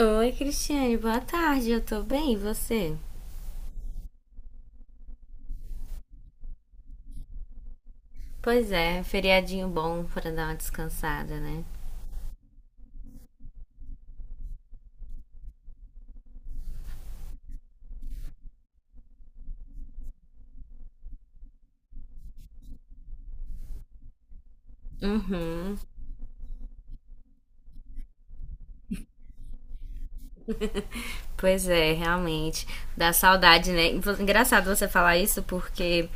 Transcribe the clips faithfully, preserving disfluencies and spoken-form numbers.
Oi, Cristiane, boa tarde. Eu tô bem, e você? Pois é, feriadinho bom pra dar uma descansada, né? Uhum. Pois é, realmente. Dá saudade, né? Engraçado você falar isso porque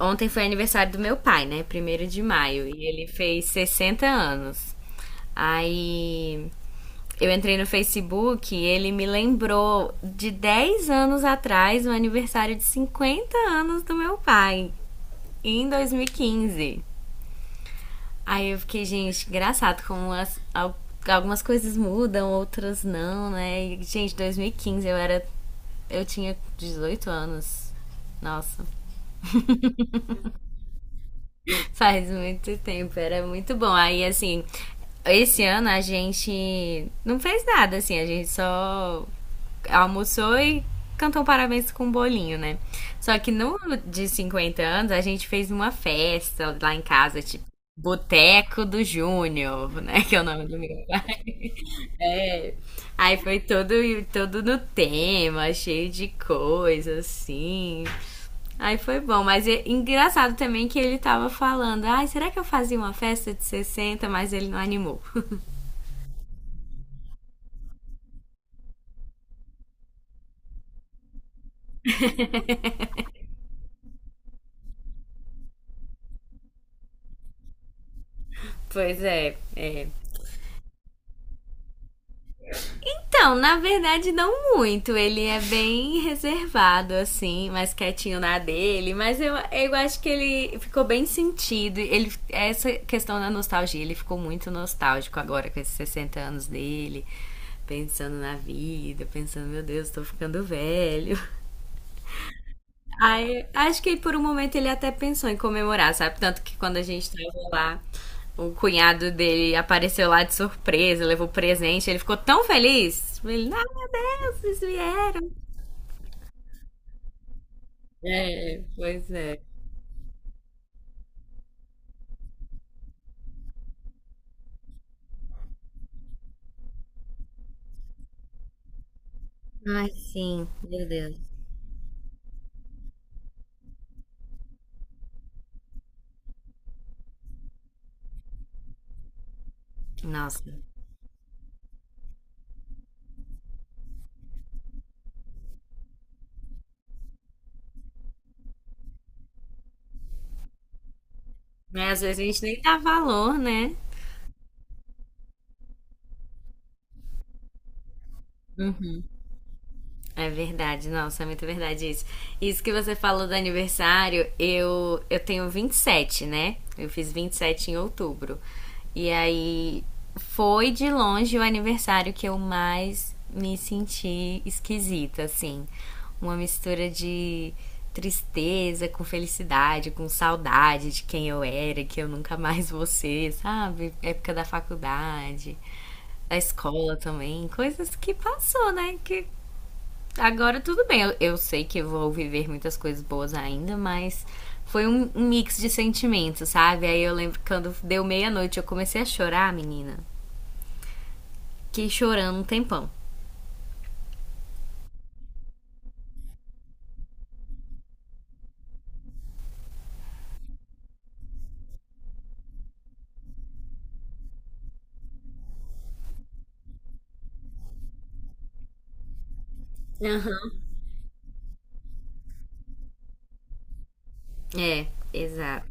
ontem foi aniversário do meu pai, né? Primeiro de maio. E ele fez sessenta anos. Aí eu entrei no Facebook e ele me lembrou de dez anos atrás o aniversário de cinquenta anos do meu pai, em dois mil e quinze. Aí eu fiquei, gente, engraçado como as- algumas coisas mudam, outras não, né? E, gente, dois mil e quinze eu era. Eu tinha dezoito anos. Nossa. Faz muito tempo, era muito bom. Aí, assim, esse ano a gente não fez nada, assim, a gente só almoçou e cantou parabéns com um bolinho, né? Só que no de cinquenta anos a gente fez uma festa lá em casa, tipo, Boteco do Júnior, né? Que é o nome do meu. Aí foi todo, todo no tema, cheio de coisa, assim. Aí foi bom, mas é engraçado também que ele tava falando, ai, será que eu fazia uma festa de sessenta, mas ele não animou. Pois é, é. Então, na verdade, não muito. Ele é bem reservado, assim, mais quietinho na dele. Mas eu, eu acho que ele ficou bem sentido. Ele, essa questão da nostalgia, ele ficou muito nostálgico agora com esses sessenta anos dele. Pensando na vida, pensando, meu Deus, tô ficando velho. Aí, acho que por um momento ele até pensou em comemorar, sabe? Tanto que quando a gente tava lá, o cunhado dele apareceu lá de surpresa, levou presente, ele ficou tão feliz. Ele, ah, meu Deus, vocês vieram. É, pois é. Ai, sim, meu Deus. Nossa. Mas às vezes a gente nem dá valor, né? É verdade, nossa, é muito verdade isso. Isso que você falou do aniversário, eu, eu tenho vinte e sete, né? Eu fiz vinte e sete em outubro. E aí foi de longe o aniversário que eu mais me senti esquisita, assim. Uma mistura de tristeza com felicidade, com saudade de quem eu era, que eu nunca mais vou ser, sabe? Época da faculdade, da escola também, coisas que passou, né? Que. Agora tudo bem, eu, eu sei que eu vou viver muitas coisas boas ainda, mas foi um, um mix de sentimentos, sabe? Aí eu lembro que quando deu meia-noite eu comecei a chorar, menina. Fiquei chorando um tempão. Aham. É, exato.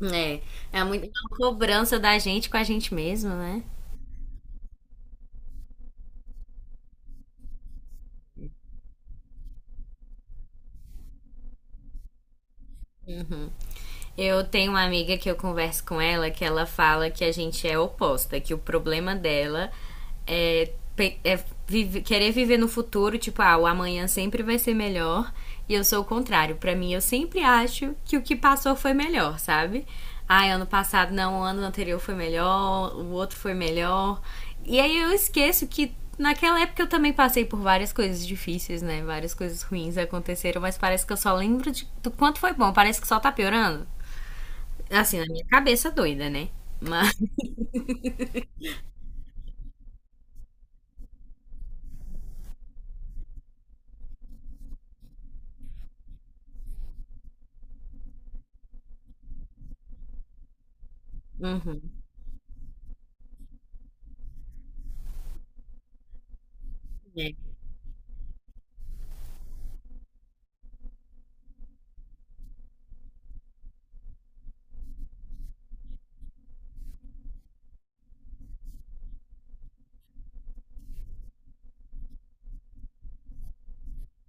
É, é muito uma cobrança da gente com a gente mesma, né? Eu tenho uma amiga que eu converso com ela que ela fala que a gente é oposta, que o problema dela é, pe- é vive- querer viver no futuro, tipo, ah, o amanhã sempre vai ser melhor. E eu sou o contrário. Pra mim, eu sempre acho que o que passou foi melhor, sabe? Ah, ano passado não, o ano anterior foi melhor, o outro foi melhor. E aí eu esqueço que naquela época eu também passei por várias coisas difíceis, né? Várias coisas ruins aconteceram, mas parece que eu só lembro de- do quanto foi bom. Parece que só tá piorando. Assim, na minha cabeça doida, né? Mas. Uhum, é,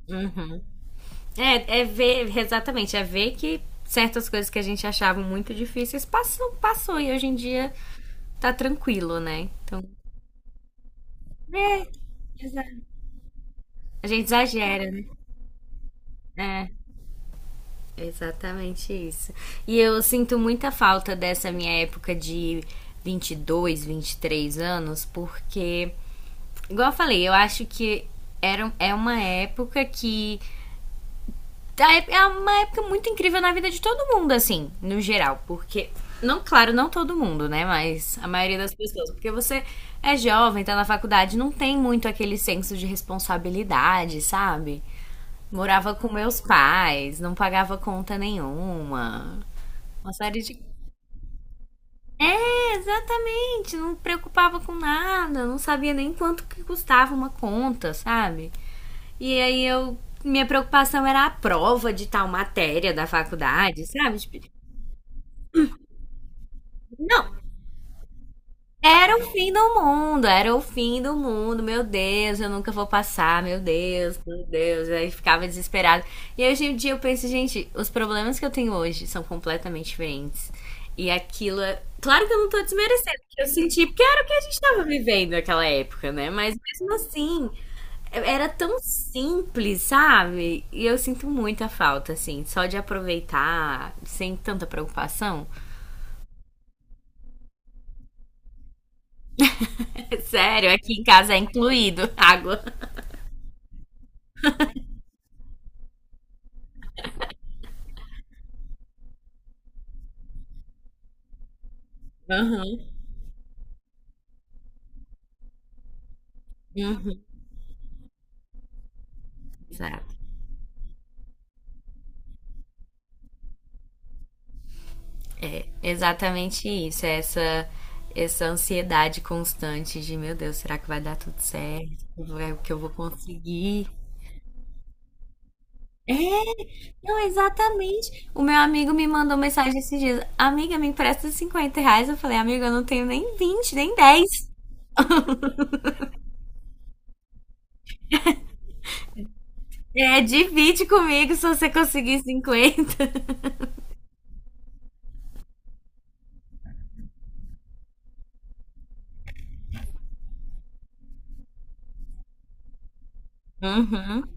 uhum. É, é ver, exatamente, é ver que certas coisas que a gente achava muito difíceis passou, passou e hoje em dia tá tranquilo, né? Então, a gente exagera, né? É, exatamente isso. E eu sinto muita falta dessa minha época de vinte vinte e dois, vinte e três anos, porque, igual eu falei, eu acho que era, é uma época que a é uma época muito incrível na vida de todo mundo, assim, no geral. Porque, não, claro, não todo mundo, né? Mas a maioria das pessoas. Porque você é jovem, tá na faculdade, não tem muito aquele senso de responsabilidade, sabe? Morava com meus pais, não pagava conta nenhuma. Uma série de. É, exatamente, não preocupava com nada, não sabia nem quanto que custava uma conta, sabe? E aí eu. Minha preocupação era a prova de tal matéria da faculdade, sabe? Tipo, não, era o fim do mundo, era o fim do mundo, meu Deus, eu nunca vou passar, meu Deus, meu Deus. Aí ficava desesperado. E hoje em dia eu penso, gente, os problemas que eu tenho hoje são completamente diferentes. E aquilo é. Claro que eu não tô desmerecendo, porque eu senti, porque era o que a gente tava vivendo naquela época, né? Mas mesmo assim, é, era tão simples, sabe? E eu sinto muita falta, assim, só de aproveitar sem tanta preocupação. Sério, aqui em casa é incluído água. Aham. Hum. Exato. Exatamente isso, é essa, essa ansiedade constante de, meu Deus, será que vai dar tudo certo? Vai- Que eu vou conseguir? Não, exatamente. O meu amigo me mandou mensagem esses dias. Amiga, me empresta cinquenta reais. Eu falei, amiga, eu não tenho nem vinte nem dez. É, divide comigo se você conseguir cinquenta. Uhum,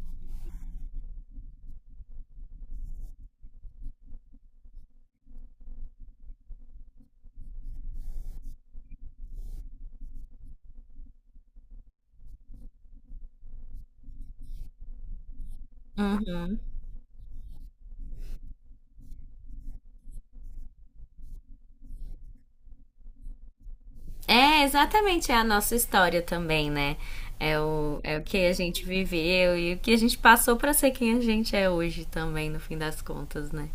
uhum. É, exatamente, é a nossa história também, né? É o, é o que a gente viveu e o que a gente passou pra ser quem a gente é hoje também, no fim das contas, né?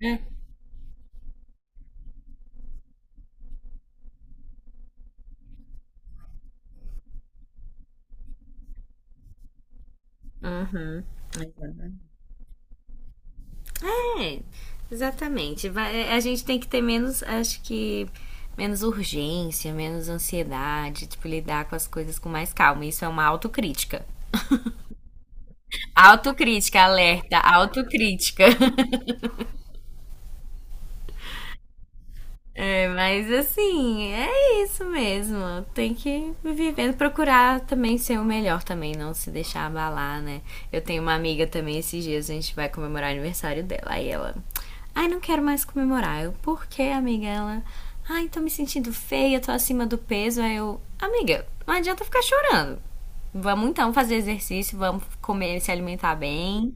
É. Uhum. É, exatamente. Vai- é, A gente tem que ter menos, acho que, menos urgência, menos ansiedade, tipo, lidar com as coisas com mais calma. Isso é uma autocrítica. Autocrítica, alerta, autocrítica. É, mas assim, é isso mesmo. Tem que viver, procurar também ser o melhor também, não se deixar abalar, né? Eu tenho uma amiga também, esses dias a gente vai comemorar o aniversário dela. Aí ela, ai, não quero mais comemorar. Eu, por que, amiga? Ela, ai, tô me sentindo feia, tô acima do peso. Aí eu, amiga, não adianta ficar chorando. Vamos então fazer exercício, vamos comer, se alimentar bem.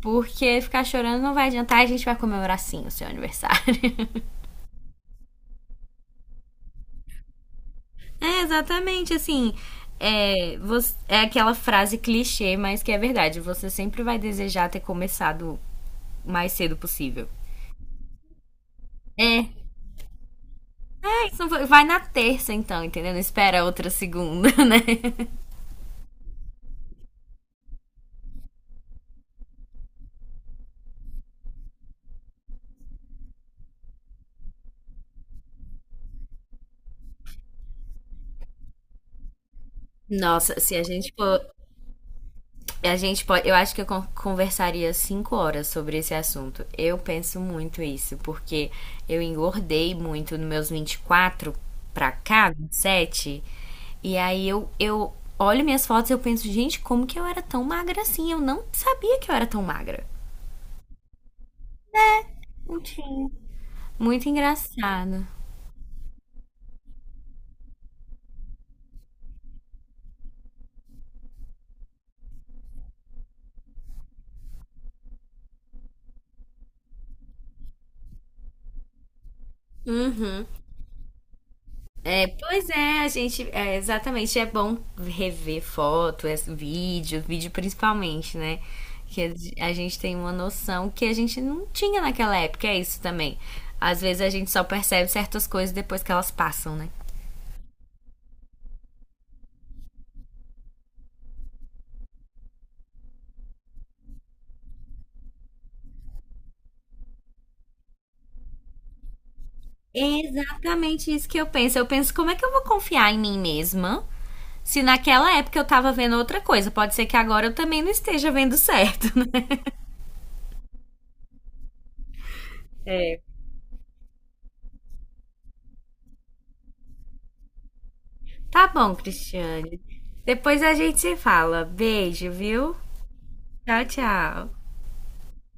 Porque ficar chorando não vai adiantar, a gente vai comemorar sim o seu aniversário. É, exatamente, assim. É, você- é aquela frase clichê, mas que é verdade. Você sempre vai desejar ter começado o mais cedo possível. É. É isso, vai vai na terça, então, entendeu? Não espera outra segunda, né? Nossa, se a gente for. A gente pode, eu acho que eu conversaria cinco horas sobre esse assunto. Eu penso muito isso, porque eu engordei muito nos meus vinte e quatro pra cá, vinte e sete. E sete, e aí eu, eu olho minhas fotos e eu penso, gente, como que eu era tão magra assim? Eu não sabia que eu era tão magra. Não tinha. Muito engraçado. Uhum. É, pois é, a gente, é, exatamente, é bom rever foto, é, vídeo, vídeo principalmente, né? Que a a gente tem uma noção que a gente não tinha naquela época, é isso também. Às vezes a gente só percebe certas coisas depois que elas passam, né? É exatamente isso que eu penso. Eu penso, como é que eu vou confiar em mim mesma se naquela época eu tava vendo outra coisa? Pode ser que agora eu também não esteja vendo certo, né? É. Tá bom, Cristiane. Depois a gente se fala. Beijo, viu? Tchau, tchau.